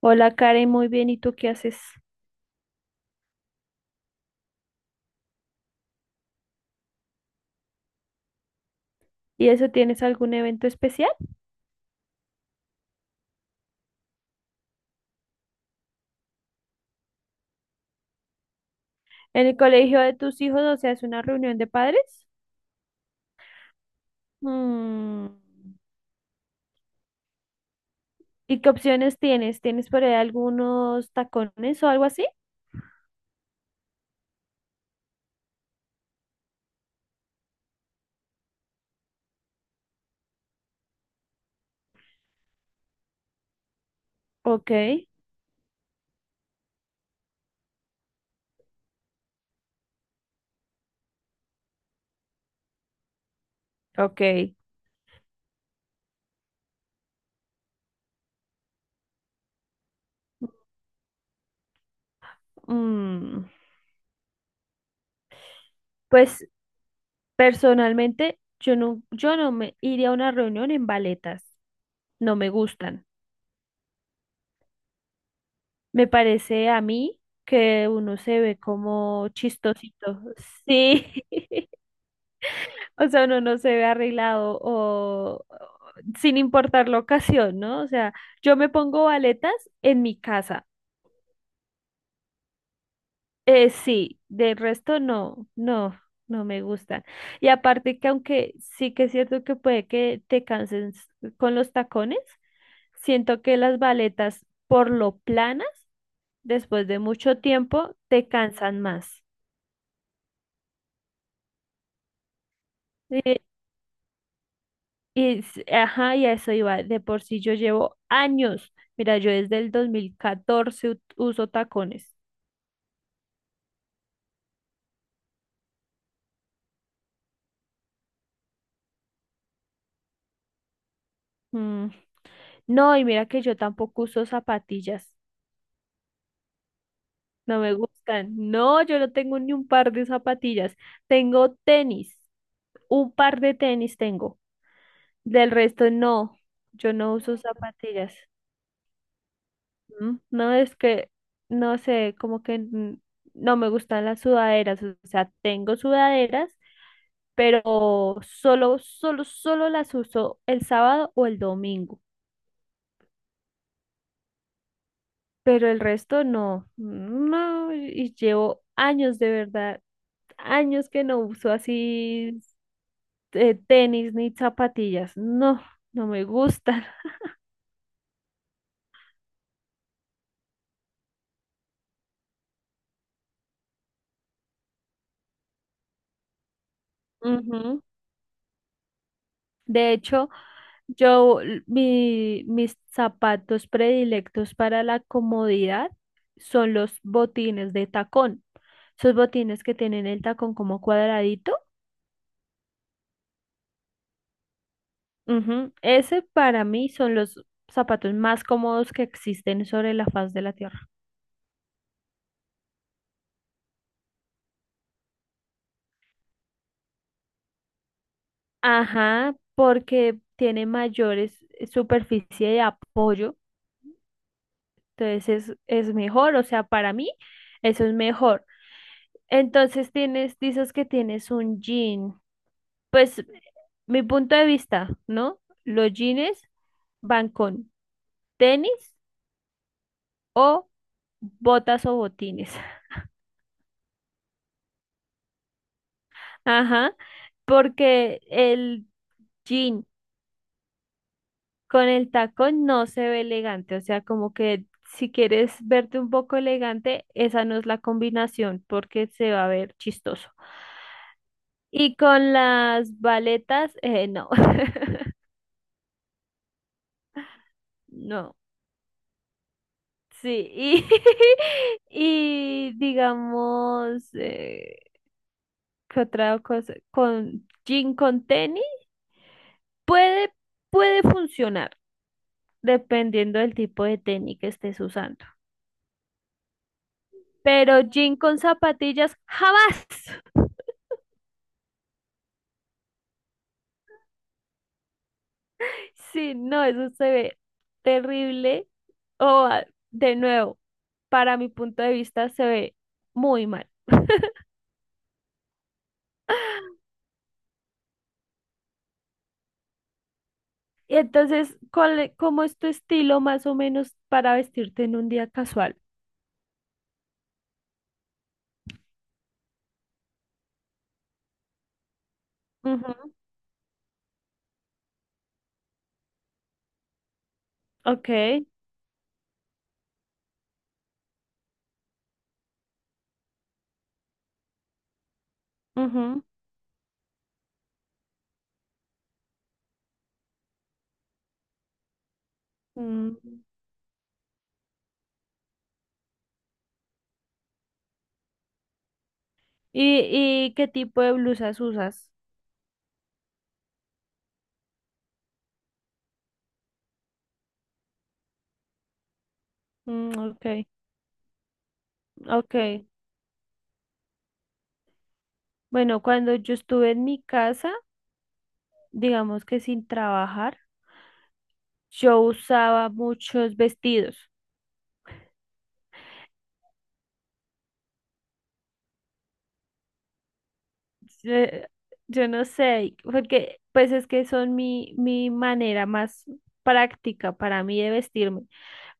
Hola Karen, muy bien. ¿Y tú qué haces? ¿Y eso tienes algún evento especial? ¿En el colegio de tus hijos, o sea, es una reunión de padres? Mm. ¿Y qué opciones tienes? ¿Tienes por ahí algunos tacones o algo así? Ok, ok. Mm, Pues personalmente yo no me iría a una reunión en baletas. No me gustan. Me parece a mí que uno se ve como chistosito. Sí. O sea, uno no se ve arreglado o- sin importar la ocasión, ¿no? O sea, yo me pongo baletas en mi casa. Sí, del resto no, no me gustan. Y aparte que aunque sí que es cierto que puede que te canses con los tacones, siento que las baletas por lo planas, después de mucho tiempo, te cansan más. Eh, ajá, y a eso iba. De por sí yo llevo años. Mira, yo desde el 2014 uso tacones. Mm. No, y mira que yo tampoco uso zapatillas. No me gustan. No, yo no tengo ni un par de zapatillas. Tengo tenis. Un par de tenis tengo. Del resto no. Yo no uso zapatillas. No es que, no sé, como que no me gustan las sudaderas. O sea, tengo sudaderas pero solo las uso el sábado o el domingo, pero el resto no, y llevo años de verdad, años que no uso así tenis ni zapatillas, no, no me gustan. Ujú. De hecho, mis zapatos predilectos para la comodidad son los botines de tacón. Esos botines que tienen el tacón como cuadradito. Ujú. Ese para mí son los zapatos más cómodos que existen sobre la faz de la Tierra. Ajá, porque tiene mayores superficie de apoyo, entonces es mejor, o sea, para mí eso es mejor. Entonces tienes, dices que tienes un jean, pues mi punto de vista, ¿no? Los jeans van con tenis o botas o botines. Ajá, porque el jean con el tacón no se ve elegante, o sea, como que si quieres verte un poco elegante, esa no es la combinación porque se va a ver chistoso. Y con las baletas, no. No, sí, y, y digamos, ¿qué otra cosa? Con jean con tenis, puede, puede funcionar dependiendo del tipo de tenis que estés usando, pero jean con zapatillas, jamás. Sí, no, eso se ve terrible. O ah, de nuevo, para mi punto de vista se ve muy mal. Y entonces, ¿ cómo es tu estilo más o menos para vestirte en un día casual? Ujú. Ok. Ujú. Mm. Y qué tipo de blusas usas? Mm, ok, ok. Bueno, cuando yo estuve en mi casa, digamos que sin trabajar, yo usaba muchos vestidos. Yo, yo no sé, porque pues es que son mi manera más práctica para mí de vestirme,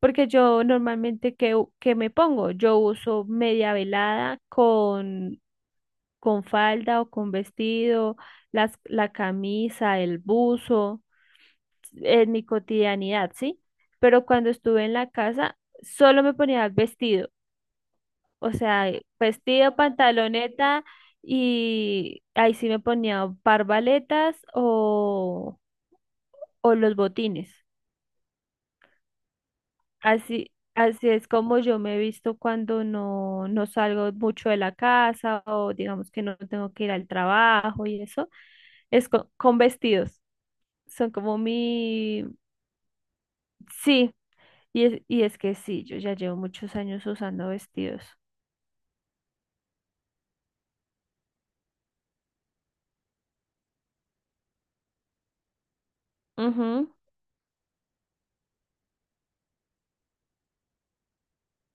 porque yo normalmente que me pongo, yo uso media velada con falda o con vestido, la camisa, el buzo, en mi cotidianidad, ¿sí? Pero cuando estuve en la casa, solo me ponía vestidos, o sea, vestido, pantaloneta y ahí sí me ponía o parbaletas o los botines. Así, así es como yo me he visto cuando no salgo mucho de la casa o digamos que no tengo que ir al trabajo y eso. Con vestidos. Son como mi... Sí, y y es que sí, yo ya llevo muchos años usando vestidos. Ujú,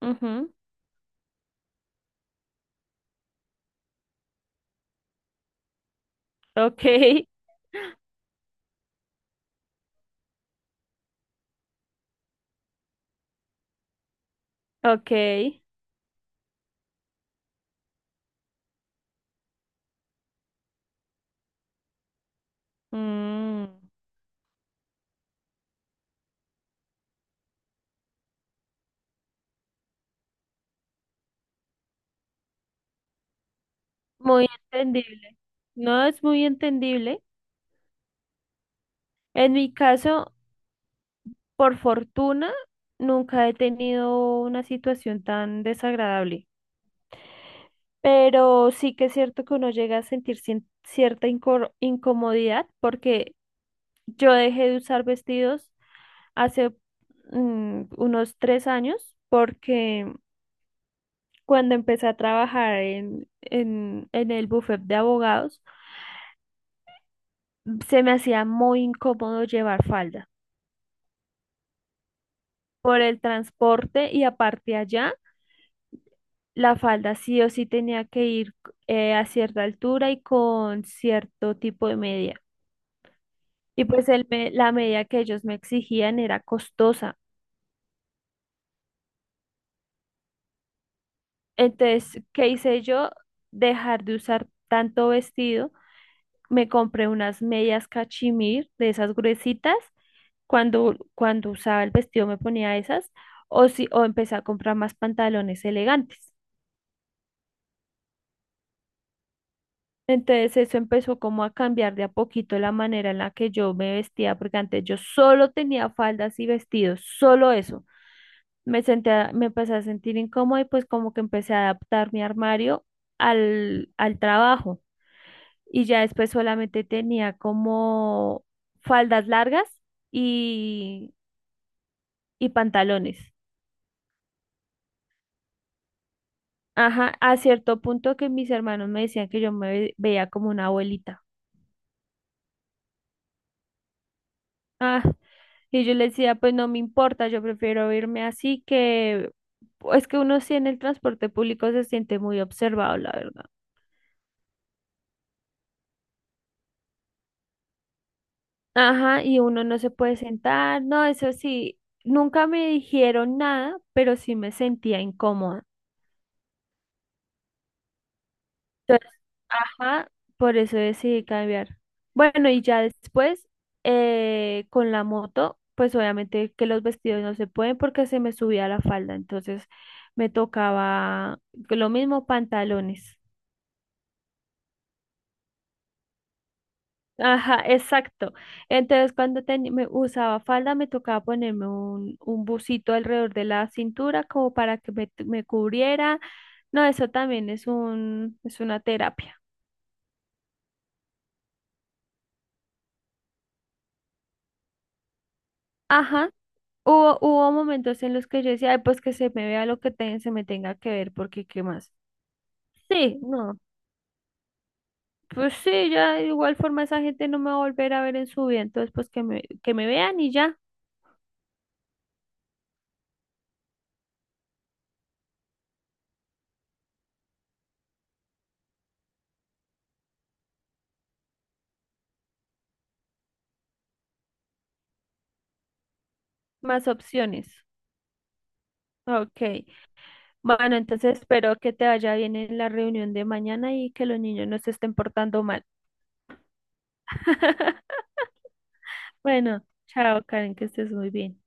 ujú. Ok, ok. Mm. Muy entendible. No es muy entendible. En mi caso, por fortuna, nunca he tenido una situación tan desagradable. Pero sí que es cierto que uno llega a sentir cierta incomodidad porque yo dejé de usar vestidos hace unos 3 años porque cuando empecé a trabajar en el bufet de abogados, se me hacía muy incómodo llevar falda. Por el transporte y aparte allá, la falda sí o sí tenía que ir a cierta altura y con cierto tipo de media. Y pues el la media que ellos me exigían era costosa. Entonces, ¿qué hice yo? Dejar de usar tanto vestido. Me compré unas medias cachemir de esas gruesitas. Cuando usaba el vestido me ponía esas. O, si, o empecé a comprar más pantalones elegantes. Entonces eso empezó como a cambiar de a poquito la manera en la que yo me vestía, porque antes yo solo tenía faldas y vestidos, solo eso. Me empecé a sentir incómoda y pues como que empecé a adaptar mi armario al trabajo. Y ya después solamente tenía como faldas largas y, y pantalones. Ajá, a cierto punto que mis hermanos me decían que yo veía como una abuelita. Ah, y yo le decía, pues no me importa, yo prefiero irme así, que es que uno sí en el transporte público se siente muy observado, la verdad. Ajá, y uno no se puede sentar, no, eso sí, nunca me dijeron nada, pero sí me sentía incómoda. Entonces, ajá, por eso decidí cambiar. Bueno, y ya después, con la moto, pues obviamente que los vestidos no se pueden porque se me subía la falda, entonces me tocaba lo mismo, pantalones. Ajá, exacto. Entonces, cuando me usaba falda, me tocaba ponerme un busito alrededor de la cintura como para que me cubriera. No, eso también es es una terapia. Ajá. Hubo momentos en los que yo decía: "Ay, pues que se me vea lo que se me tenga que ver, porque qué más". Sí, no, pues sí, ya de igual forma esa gente no me va a volver a ver en su vida, entonces pues que que me vean y ya, más opciones. Ok, bueno, entonces espero que te vaya bien en la reunión de mañana y que los niños no se estén portando mal. Bueno, chao Karen, que estés muy bien.